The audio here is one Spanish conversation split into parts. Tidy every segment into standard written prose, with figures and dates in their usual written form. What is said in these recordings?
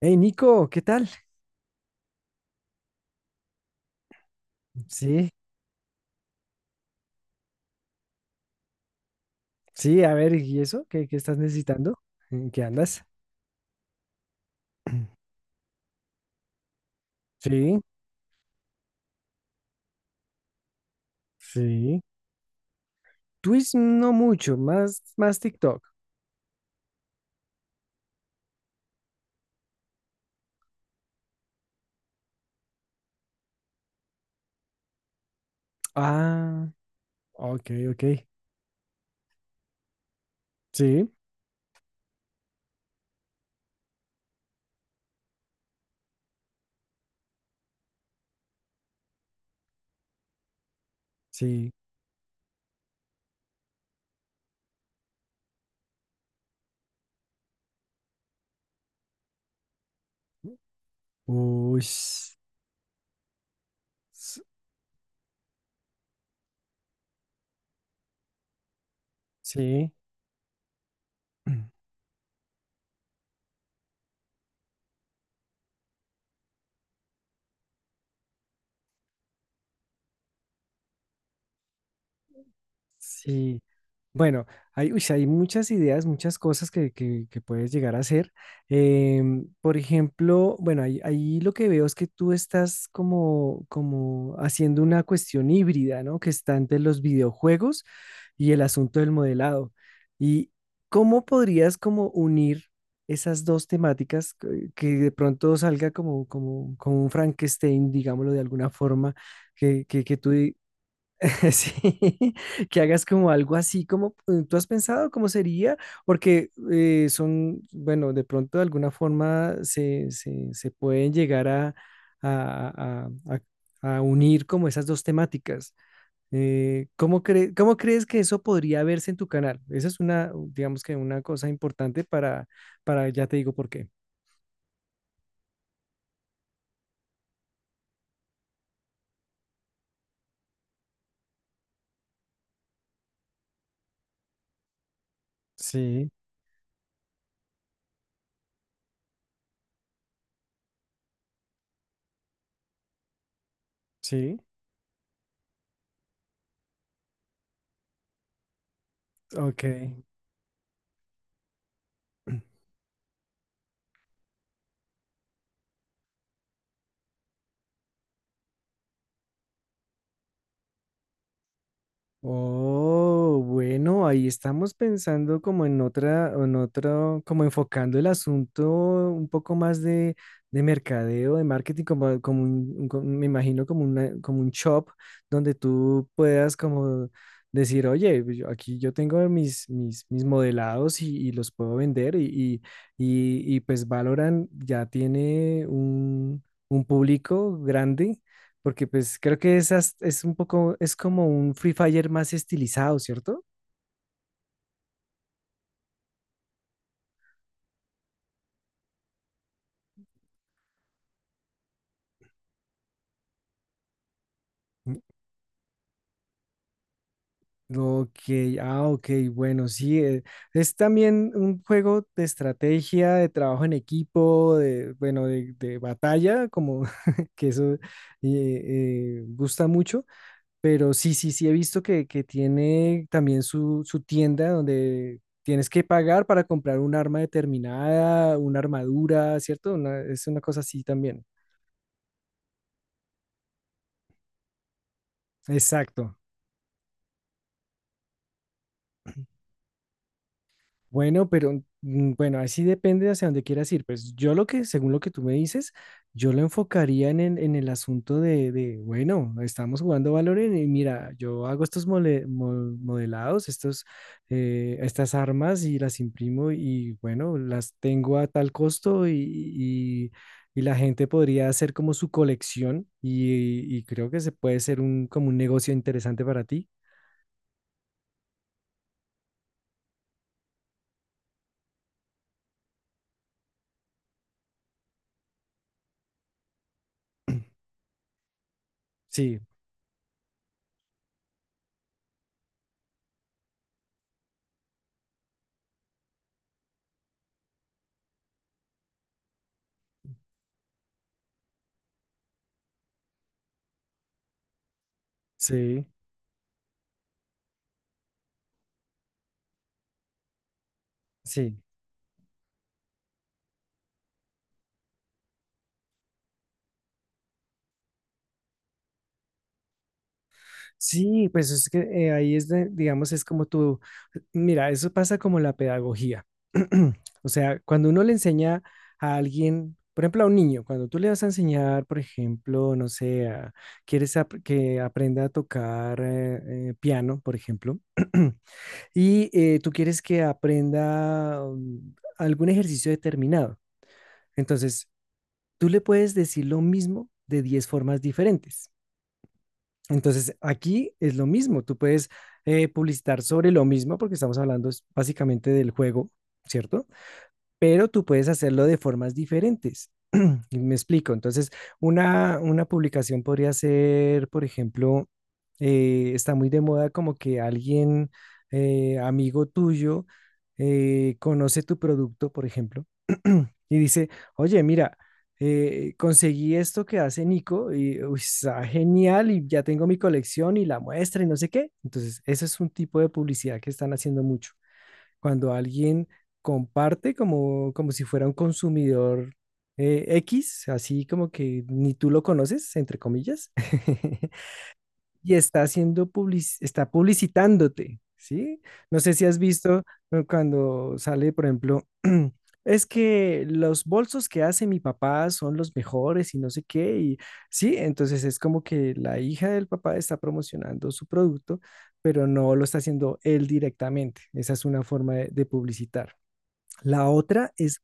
Hey Nico, ¿qué tal? Sí, sí, a ver, ¿y eso? ¿Qué estás necesitando? ¿En qué andas? Sí, sí. Twitch no mucho, más TikTok. Ah, ok, ok. Sí, sí. Uy, sí. Sí, bueno, hay, uy, sí, hay muchas ideas, muchas cosas que puedes llegar a hacer. Por ejemplo, bueno, ahí lo que veo es que tú estás como haciendo una cuestión híbrida, ¿no? Que está entre los videojuegos y el asunto del modelado. ¿Y cómo podrías como unir esas dos temáticas que de pronto salga como, como un Frankenstein, digámoslo de alguna forma, que tú Sí, que hagas como algo así como tú has pensado cómo sería, porque son, bueno, de pronto de alguna forma se pueden llegar a, a- a- a unir como esas dos temáticas. ¿Cómo crees que eso podría verse en tu canal? Esa es una, digamos que una cosa importante para, ya te digo por qué. Sí, sí, ok. Oh, bueno, ahí estamos pensando como en otra, en otro, como enfocando el asunto un poco más de, mercadeo, de marketing, como, como un, me imagino como una, como un shop donde tú puedas como decir, oye, pues aquí yo tengo mis, mis modelados y los puedo vender y pues Valorant ya tiene un público grande porque pues creo que es un poco, es como un Free Fire más estilizado, ¿cierto? Mm. Ok, ah, ok, bueno, sí, es también un juego de estrategia, de trabajo en equipo, de, bueno, de batalla, como que eso gusta mucho, pero sí, sí, sí, he visto que tiene también su tienda donde tienes que pagar para comprar un arma determinada, una armadura, ¿cierto? Es una cosa así también. Exacto. Bueno, pero bueno, así depende de hacia dónde quieras ir. Pues yo lo que, según lo que tú me dices, yo lo enfocaría en el asunto de, bueno, estamos jugando Valorant y mira, yo hago estos modelados, estos, estas armas y las imprimo y bueno, las tengo a tal costo y la gente podría hacer como su colección y creo que se puede ser un, como un negocio interesante para ti. Sí, sí, sí. Sí, pues es que ahí es, digamos, es como tú, mira, eso pasa como la pedagogía. O sea, cuando uno le enseña a alguien, por ejemplo, a un niño, cuando tú le vas a enseñar, por ejemplo, no sé, quieres que aprenda a tocar piano, por ejemplo, y tú quieres que aprenda algún ejercicio determinado. Entonces, tú le puedes decir lo mismo de 10 formas diferentes. Entonces, aquí es lo mismo, tú puedes publicitar sobre lo mismo porque estamos hablando básicamente del juego, ¿cierto? Pero tú puedes hacerlo de formas diferentes. Y me explico. Entonces, una publicación podría ser, por ejemplo, está muy de moda como que alguien, amigo tuyo, conoce tu producto, por ejemplo, y dice, oye, mira, conseguí esto que hace Nico y uy, está genial y ya tengo mi colección y la muestra y no sé qué. Entonces, ese es un tipo de publicidad que están haciendo mucho cuando alguien comparte como, como si fuera un consumidor X, así como que ni tú lo conoces, entre comillas. Y está haciendo está publicitándote, ¿sí? No sé si has visto, ¿no? Cuando sale, por ejemplo, es que los bolsos que hace mi papá son los mejores y no sé qué, y sí, entonces es como que la hija del papá está promocionando su producto, pero no lo está haciendo él directamente. Esa es una forma de publicitar. La otra es,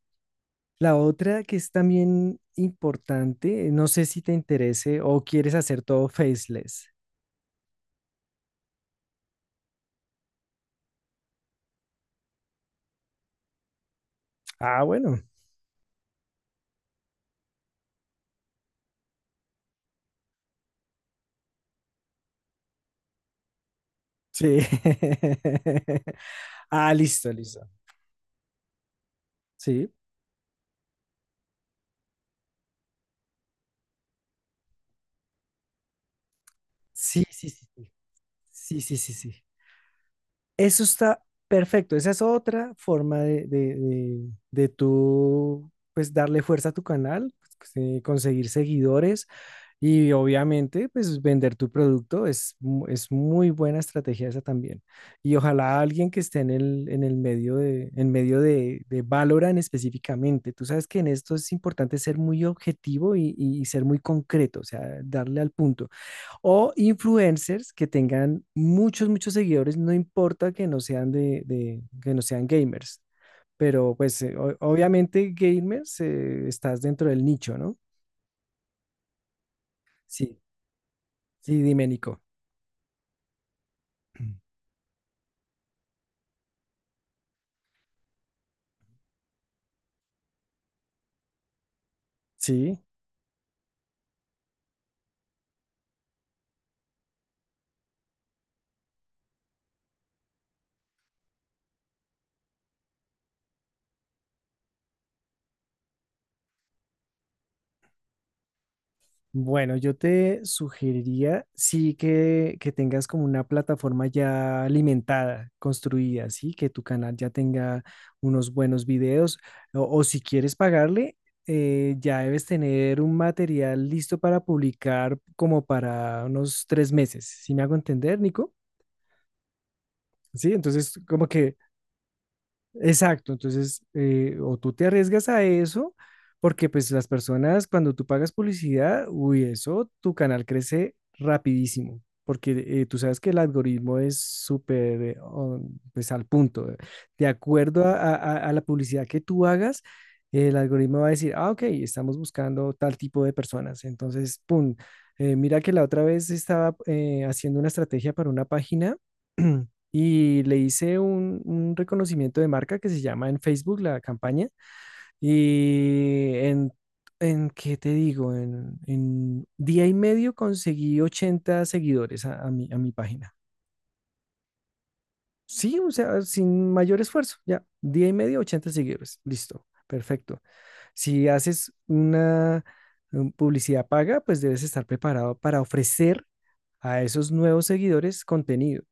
la otra que es también importante, no sé si te interese o quieres hacer todo faceless. Ah, bueno. Sí. Ah, listo, listo. Sí. Sí, sí, sí, sí. Sí, sí, sí, sí. Eso está perfecto. Esa es otra forma de tú, pues, darle fuerza a tu canal, pues, conseguir seguidores. Y obviamente, pues vender tu producto es, es muy buena estrategia esa también. Y ojalá alguien que esté en el medio de, en medio de Valorant específicamente. Tú sabes que en esto es importante ser muy objetivo y ser muy concreto, o sea, darle al punto. O influencers que tengan muchos, muchos seguidores, no importa que no sean de, que no sean gamers. Pero pues obviamente gamers, estás dentro del nicho, ¿no? Sí, sí, dime, Nico. Sí, bueno, yo te sugeriría sí que tengas como una plataforma ya alimentada, construida, sí, que tu canal ya tenga unos buenos videos o si quieres pagarle, ya debes tener un material listo para publicar como para unos 3 meses. ¿Sí me hago entender, Nico? Sí, entonces como que. Exacto, entonces, o tú te arriesgas a eso, porque pues las personas, cuando tú pagas publicidad, uy, eso, tu canal crece rapidísimo, porque tú sabes que el algoritmo es súper, pues al punto. Eh. De acuerdo a, a la publicidad que tú hagas, el algoritmo va a decir, ah, ok, estamos buscando tal tipo de personas, entonces, pum, mira que la otra vez estaba haciendo una estrategia para una página. Y le hice un reconocimiento de marca que se llama en Facebook la campaña y en ¿qué te digo? En día y medio conseguí 80 seguidores a mi página. Sí, o sea, sin mayor esfuerzo, ya, día y medio, 80 seguidores, listo, perfecto. Si haces una publicidad paga, pues debes estar preparado para ofrecer a esos nuevos seguidores contenido.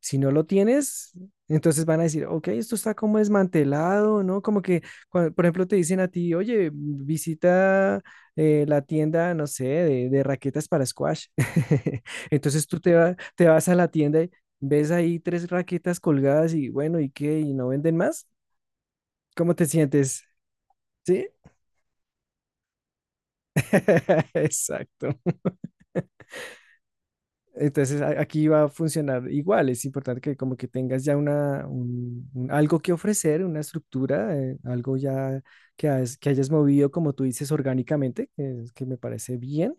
Si no lo tienes, entonces van a decir, ok, esto está como desmantelado, ¿no? Como que, por ejemplo, te dicen a ti, oye, visita la tienda, no sé, de raquetas para squash. Entonces tú te vas a la tienda y ves ahí tres raquetas colgadas y bueno, ¿y qué? ¿Y no venden más? ¿Cómo te sientes? ¿Sí? Exacto. Entonces aquí va a funcionar igual. Es importante que como que tengas ya algo que ofrecer, una estructura, algo ya que hayas movido, como tú dices, orgánicamente, que, que me parece bien,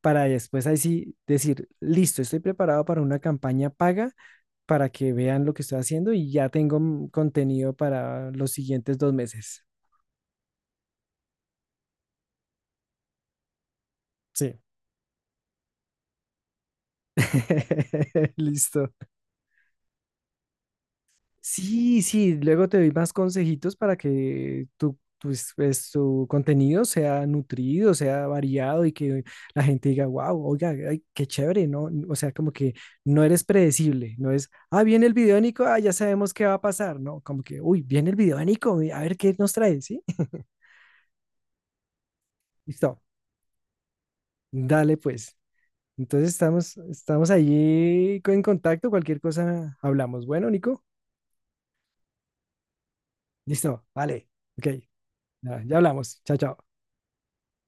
para después ahí sí decir, listo, estoy preparado para una campaña paga, para que vean lo que estoy haciendo y ya tengo contenido para los siguientes 2 meses. Sí. Listo. Sí, sí, luego te doy más consejitos para que pues, tu contenido sea nutrido, sea variado y que la gente diga, wow, oiga, ay, qué chévere, ¿no? O sea, como que no eres predecible, no es, ah, viene el video de Nico, ah, ya sabemos qué va a pasar, ¿no? Como que, uy, viene el video de Nico, a ver qué nos trae, ¿sí? Listo, dale pues. Entonces estamos, estamos allí en contacto, cualquier cosa hablamos. Bueno, Nico, listo, vale, ok, ya ya hablamos, chao, chao.